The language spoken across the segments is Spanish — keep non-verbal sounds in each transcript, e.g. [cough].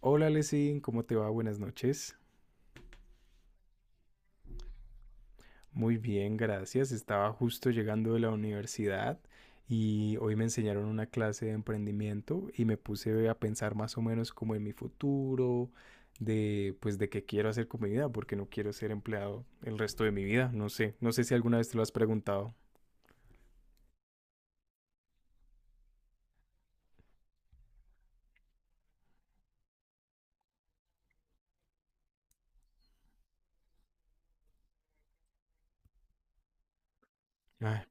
Hola Lesin, ¿cómo te va? Buenas noches. Muy bien, gracias. Estaba justo llegando de la universidad y hoy me enseñaron una clase de emprendimiento y me puse a pensar más o menos como en mi futuro, de pues de qué quiero hacer con mi vida, porque no quiero ser empleado el resto de mi vida. No sé, si alguna vez te lo has preguntado. Ay,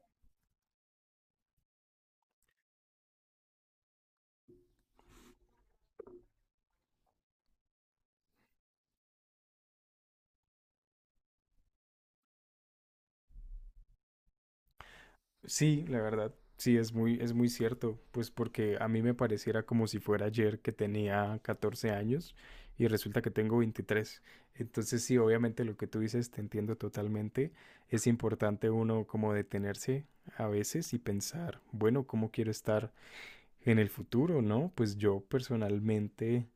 sí, la verdad, sí, es muy cierto, pues porque a mí me pareciera como si fuera ayer que tenía 14 años y resulta que tengo 23. Entonces sí, obviamente lo que tú dices te entiendo totalmente. Es importante uno como detenerse a veces y pensar, bueno, ¿cómo quiero estar en el futuro, no? Pues yo personalmente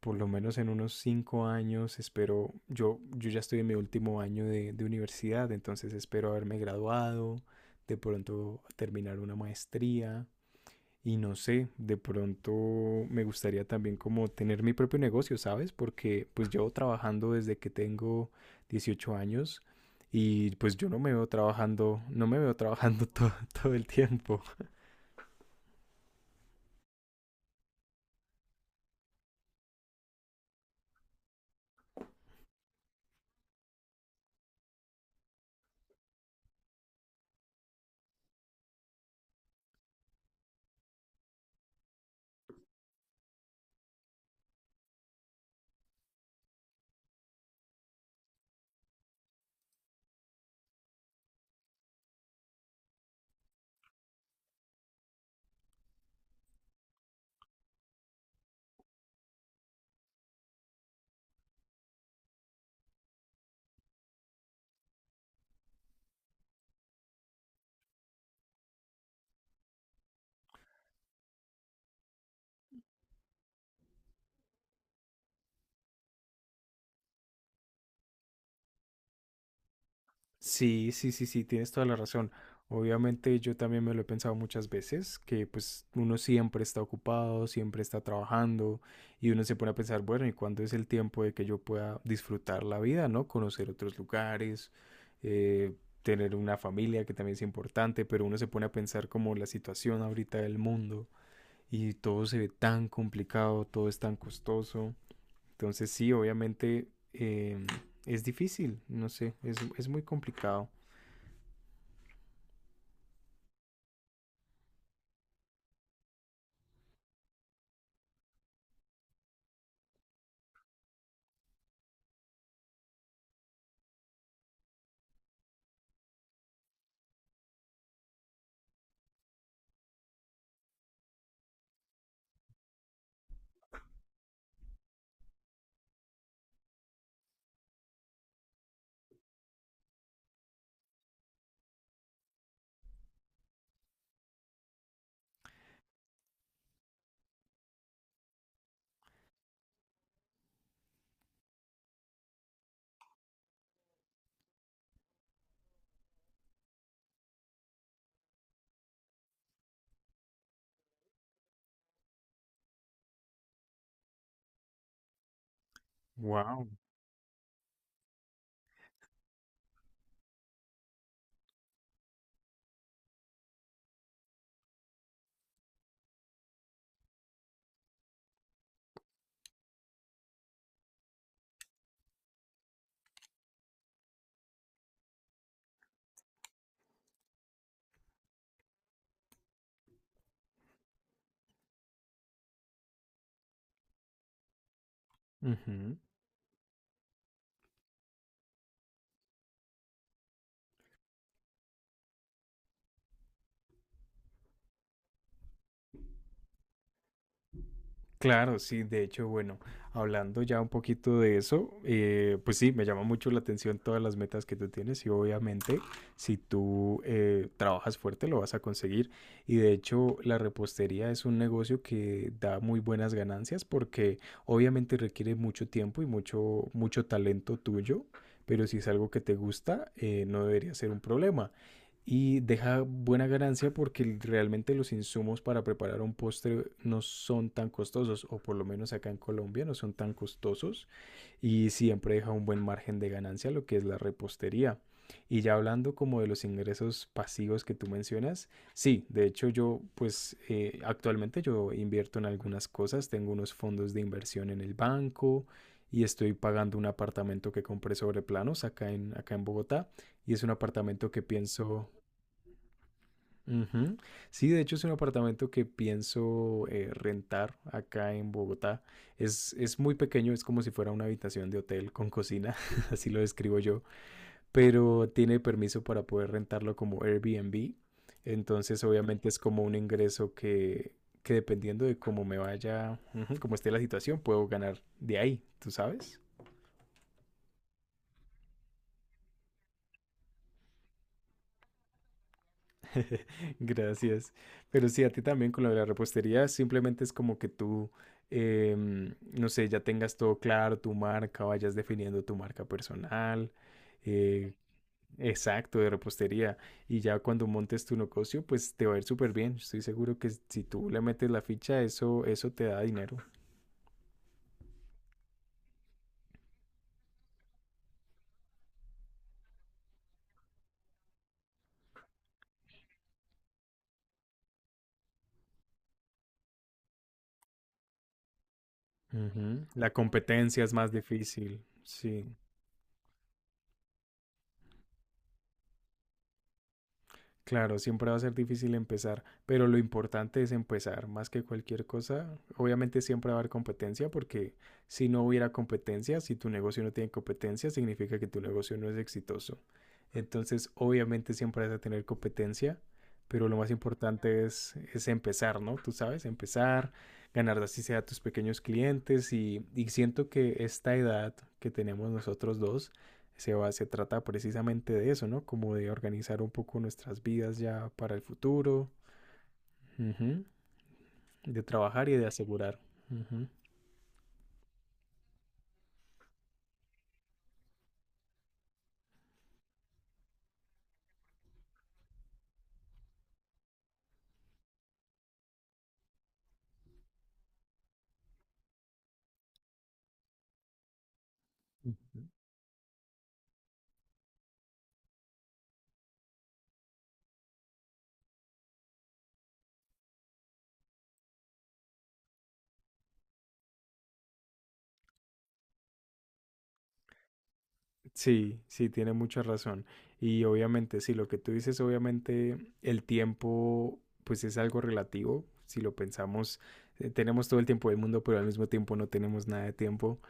por lo menos en unos 5 años, espero, yo ya estoy en mi último año de universidad, entonces espero haberme graduado, de pronto terminar una maestría y no sé, de pronto me gustaría también como tener mi propio negocio, ¿sabes? Porque pues yo trabajando desde que tengo 18 años y pues yo no me veo trabajando, no me veo trabajando [laughs] todo, todo el tiempo. Sí, sí, sí, sí, tienes toda la razón. Obviamente yo también me lo he pensado muchas veces, que pues uno siempre está ocupado, siempre está trabajando y uno se pone a pensar, bueno, ¿y cuándo es el tiempo de que yo pueda disfrutar la vida, no? Conocer otros lugares, eh, tener una familia que también es importante, pero uno se pone a pensar como la situación ahorita del mundo y todo se ve tan complicado, todo es tan costoso. Entonces sí, obviamente es difícil, no sé, es muy complicado. Wow. Ujú. Claro, sí, de hecho, bueno, hablando ya un poquito de eso, pues sí, me llama mucho la atención todas las metas que tú tienes y obviamente si tú trabajas fuerte lo vas a conseguir. Y de hecho, la repostería es un negocio que da muy buenas ganancias porque obviamente requiere mucho tiempo y mucho talento tuyo, pero si es algo que te gusta, no debería ser un problema. Y deja buena ganancia porque realmente los insumos para preparar un postre no son tan costosos, o por lo menos acá en Colombia no son tan costosos, y siempre deja un buen margen de ganancia lo que es la repostería. Y ya hablando como de los ingresos pasivos que tú mencionas, sí, de hecho yo pues actualmente yo invierto en algunas cosas, tengo unos fondos de inversión en el banco y estoy pagando un apartamento que compré sobre planos acá en Bogotá y es un apartamento que pienso. Ujú. Sí, de hecho es un apartamento que pienso rentar acá en Bogotá. Es muy pequeño, es como si fuera una habitación de hotel con cocina, [laughs] así lo describo yo, pero tiene permiso para poder rentarlo como Airbnb. Entonces, obviamente es como un ingreso que dependiendo de cómo me vaya, ujú, cómo esté la situación, puedo ganar de ahí, ¿tú sabes? [laughs] Gracias. Pero sí, a ti también con lo de la repostería, simplemente es como que tú, no sé, ya tengas todo claro, tu marca, vayas definiendo tu marca personal, eh, exacto, de repostería. Y ya cuando montes tu negocio, pues te va a ir súper bien. Estoy seguro que si tú le metes la ficha, eso te da dinero. Ujú. La competencia es más difícil, sí. Claro, siempre va a ser difícil empezar, pero lo importante es empezar, más que cualquier cosa. Obviamente siempre va a haber competencia, porque si no hubiera competencia, si tu negocio no tiene competencia, significa que tu negocio no es exitoso. Entonces, obviamente siempre vas a tener competencia, pero lo más importante es empezar, ¿no? Tú sabes, empezar, ganar así sea a tus pequeños clientes y siento que esta edad que tenemos nosotros dos se trata precisamente de eso, ¿no? Como de organizar un poco nuestras vidas ya para el futuro, ujú, de trabajar y de asegurar. Ujú. Sí, sí, tiene mucha razón. Y obviamente, sí, lo que tú dices, obviamente el tiempo, pues es algo relativo. Si lo pensamos, tenemos todo el tiempo del mundo, pero al mismo tiempo no tenemos nada de tiempo.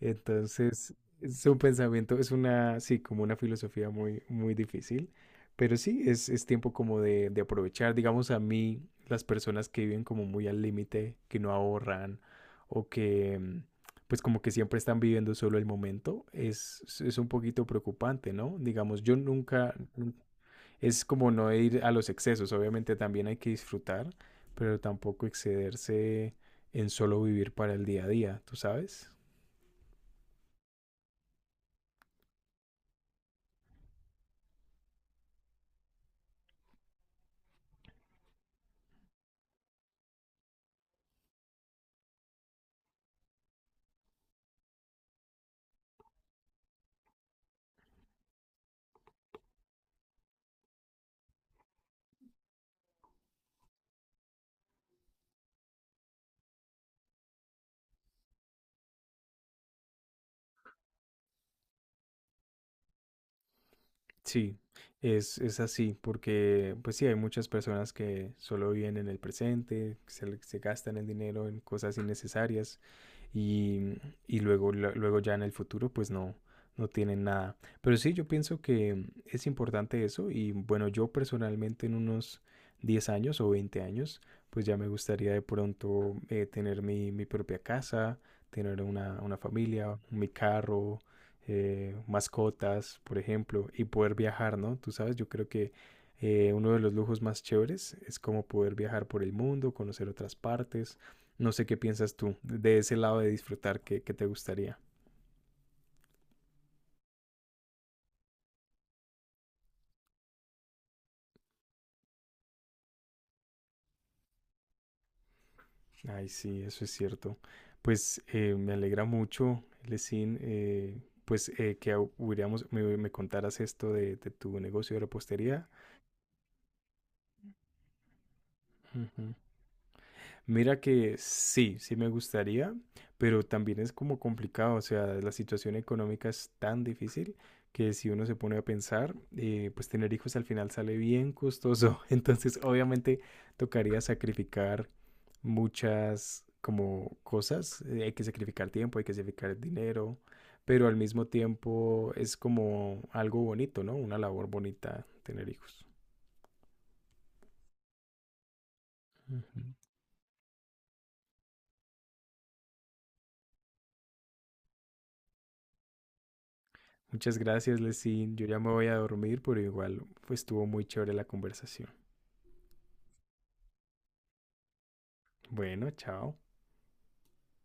Entonces, es un pensamiento, sí, como una filosofía muy difícil. Pero sí, es tiempo como de aprovechar. Digamos, a mí, las personas que viven como muy al límite, que no ahorran o que, pues como que siempre están viviendo solo el momento, es un poquito preocupante, ¿no? Digamos, yo nunca, es como no ir a los excesos, obviamente también hay que disfrutar, pero tampoco excederse en solo vivir para el día a día, ¿tú sabes? Sí, es así, porque pues sí, hay muchas personas que solo viven en el presente, se gastan el dinero en cosas innecesarias y, y luego, luego ya en el futuro pues no, no tienen nada. Pero sí, yo pienso que es importante eso y bueno, yo personalmente en unos 10 años o 20 años pues ya me gustaría de pronto tener mi, mi propia casa, tener una familia, mi carro, mascotas, por ejemplo, y poder viajar, ¿no? Tú sabes, yo creo que uno de los lujos más chéveres es como poder viajar por el mundo, conocer otras partes. No sé qué piensas tú de ese lado de disfrutar, ¿qué, qué te gustaría? Ay, sí, eso es cierto. Pues me alegra mucho, Lesin, que me, me contaras esto de tu negocio de repostería. Ujú. Mira que sí, sí me gustaría, pero también es como complicado, o sea, la situación económica es tan difícil que si uno se pone a pensar, pues tener hijos al final sale bien costoso, [laughs] entonces obviamente tocaría sacrificar muchas como cosas, hay que sacrificar tiempo, hay que sacrificar dinero, pero al mismo tiempo es como algo bonito, ¿no? Una labor bonita tener hijos. Ujú. Muchas gracias, Lesin. Yo ya me voy a dormir, pero igual pues, estuvo muy chévere la conversación. Bueno, chao.